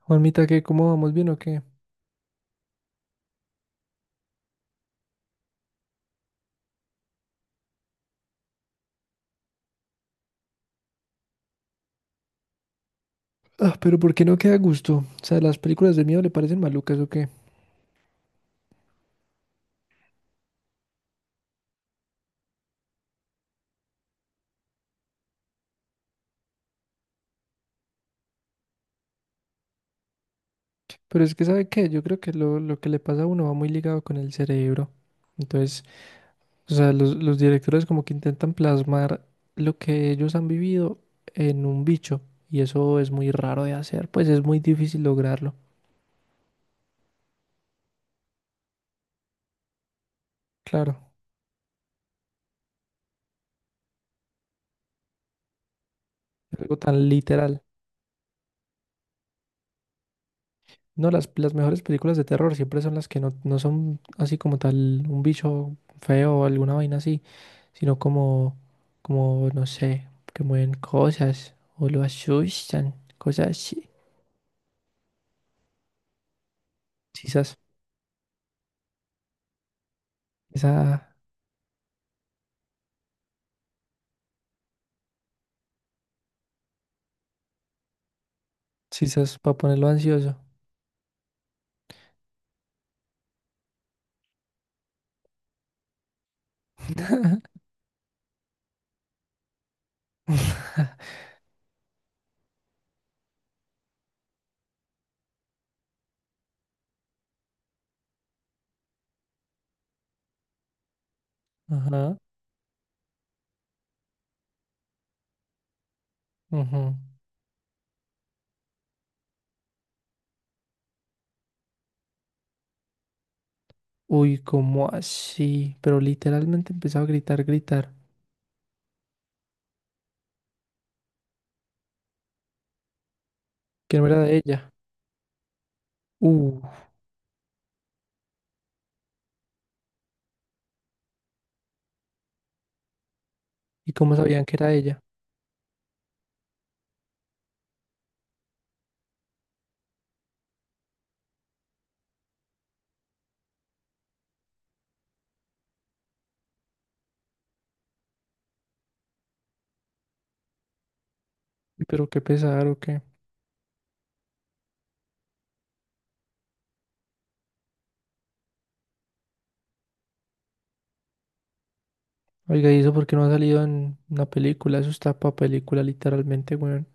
Juanmita, ¿qué? ¿Cómo vamos? ¿Bien o qué? Ah, pero ¿por qué no queda a gusto? O sea, las películas de miedo le parecen malucas o qué. Pero es que, ¿sabe qué? Yo creo que lo que le pasa a uno va muy ligado con el cerebro. Entonces, o sea, los directores como que intentan plasmar lo que ellos han vivido en un bicho. Y eso es muy raro de hacer, pues es muy difícil lograrlo. Claro, algo tan literal. No, las mejores películas de terror siempre son las que no, no son así como tal un bicho feo o alguna vaina así, sino como, como, no sé, que mueven cosas o lo asustan, cosas así. Quizás, esa, quizás para ponerlo ansioso. Ajá, ujú. Uy, ¿cómo así? Pero literalmente empezaba a gritar, gritar, que no era de ella. Uh, ¿Y cómo sabían que era ella? Uy, pero qué pesar o qué. Oiga, ¿y eso por qué no ha salido en una película? Eso está para película, literalmente, weón.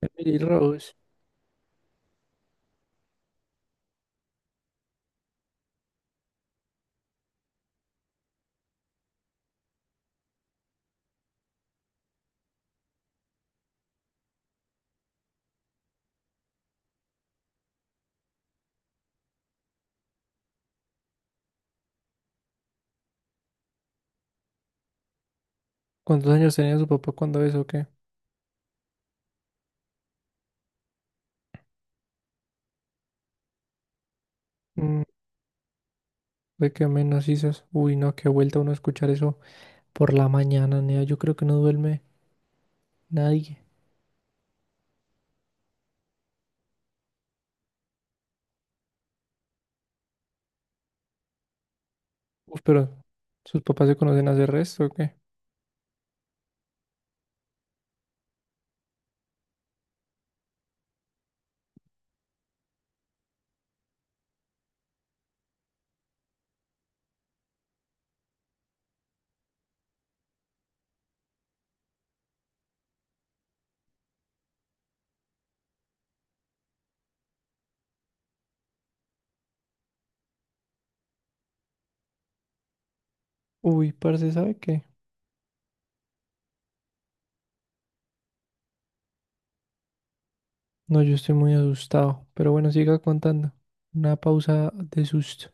Emily Rose. ¿Cuántos años tenía su papá cuando eso o qué? Mm, Ve que menos dices, uy, no, qué vuelta uno a escuchar eso por la mañana, nea. Yo creo que no duerme nadie. Uf, pero sus papás se conocen hace resto, ¿o qué? Uy, parce, ¿sabe qué? No, yo estoy muy asustado. Pero bueno, siga contando. Una pausa de susto.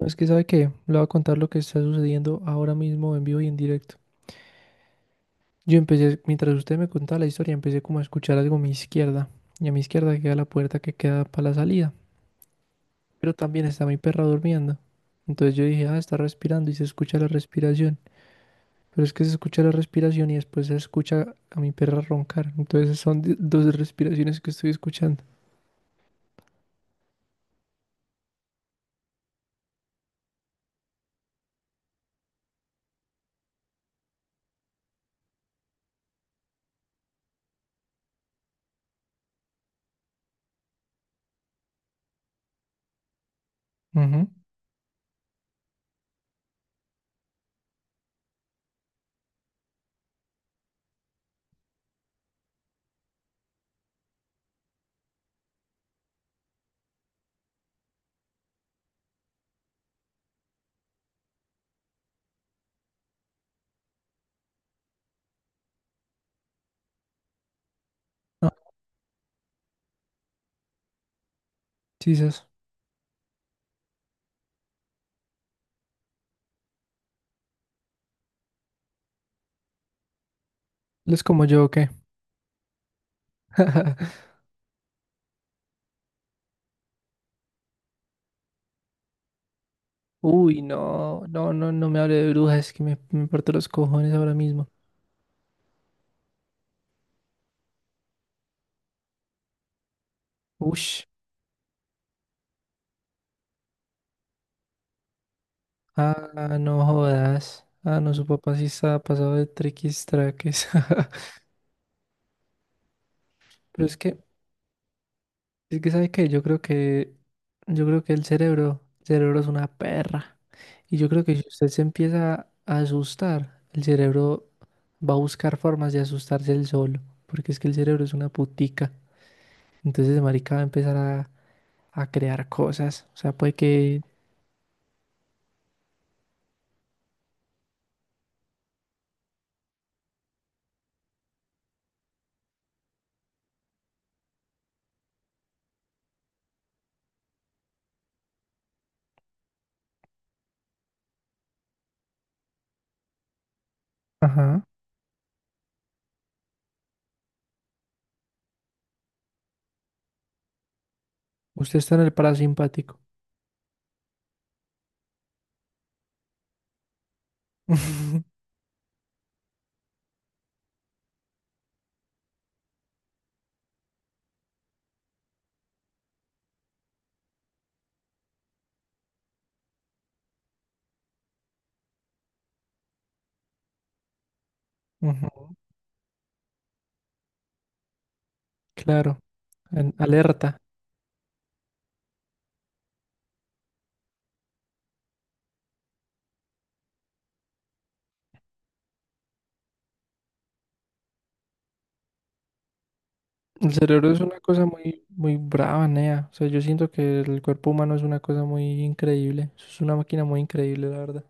No, es que ¿sabe qué? Le voy a contar lo que está sucediendo ahora mismo en vivo y en directo. Yo empecé, mientras usted me contaba la historia, empecé como a escuchar algo a mi izquierda. Y a mi izquierda queda la puerta que queda para la salida. Pero también está mi perra durmiendo. Entonces yo dije, ah, está respirando y se escucha la respiración. Pero es que se escucha la respiración y después se escucha a mi perra roncar. Entonces son dos respiraciones que estoy escuchando. Ujú. No, Jesus. ¿Les como yo o qué? Uy, no, no, no, no me hable de brujas, es que me parto los cojones ahora mismo. Ush, ah, no jodas. Ah, no, su papá sí estaba pasado de triquis traques. Pero es que es que, ¿sabes qué? Yo creo que el cerebro es una perra. Y yo creo que si usted se empieza a asustar, el cerebro va a buscar formas de asustarse él solo. Porque es que el cerebro es una putica. Entonces, marica va a empezar a crear cosas. O sea, puede que... Ajá. Usted está en el parasimpático. Ujú, claro, en alerta. El cerebro es una cosa muy, muy brava, nea. O sea, yo siento que el cuerpo humano es una cosa muy increíble. Eso es una máquina muy increíble, la verdad.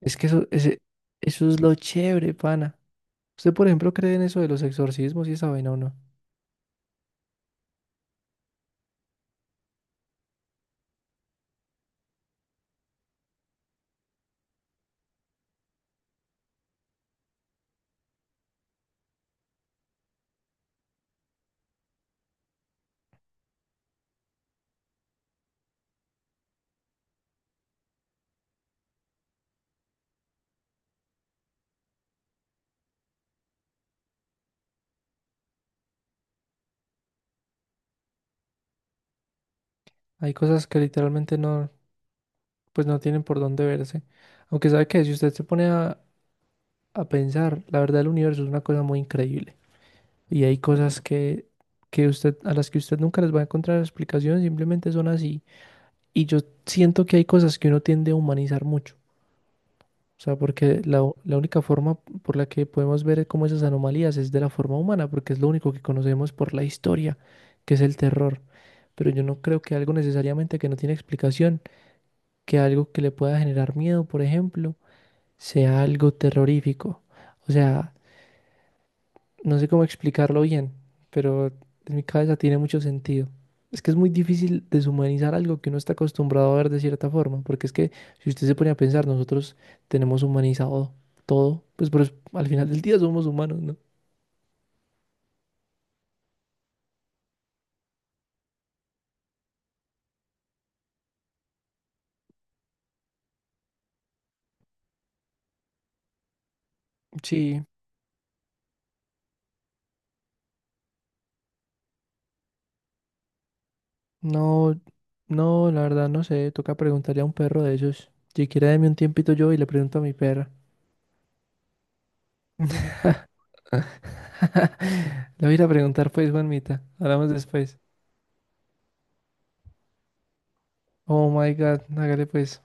Es que eso, ese, eso es lo chévere, pana. ¿Usted, por ejemplo, cree en eso de los exorcismos y esa vaina o no? Hay cosas que literalmente no, pues no tienen por dónde verse. Aunque sabe que si usted se pone a pensar, la verdad el universo es una cosa muy increíble. Y hay cosas que usted, a las que usted nunca les va a encontrar explicación, simplemente son así. Y yo siento que hay cosas que uno tiende a humanizar mucho. O sea, porque la única forma por la que podemos ver como esas anomalías es de la forma humana, porque es lo único que conocemos por la historia, que es el terror. Pero yo no creo que algo necesariamente que no tiene explicación, que algo que le pueda generar miedo, por ejemplo, sea algo terrorífico. O sea, no sé cómo explicarlo bien, pero en mi cabeza tiene mucho sentido. Es que es muy difícil deshumanizar algo que uno está acostumbrado a ver de cierta forma, porque es que si usted se pone a pensar, nosotros tenemos humanizado todo, pues pero al final del día somos humanos, ¿no? Sí, no, no, la verdad no sé, toca preguntarle a un perro de esos. Si quiere, deme un tiempito yo y le pregunto a mi perra. Le voy a ir a preguntar pues, Juanmita. Hablamos después. Oh my God, hágale pues.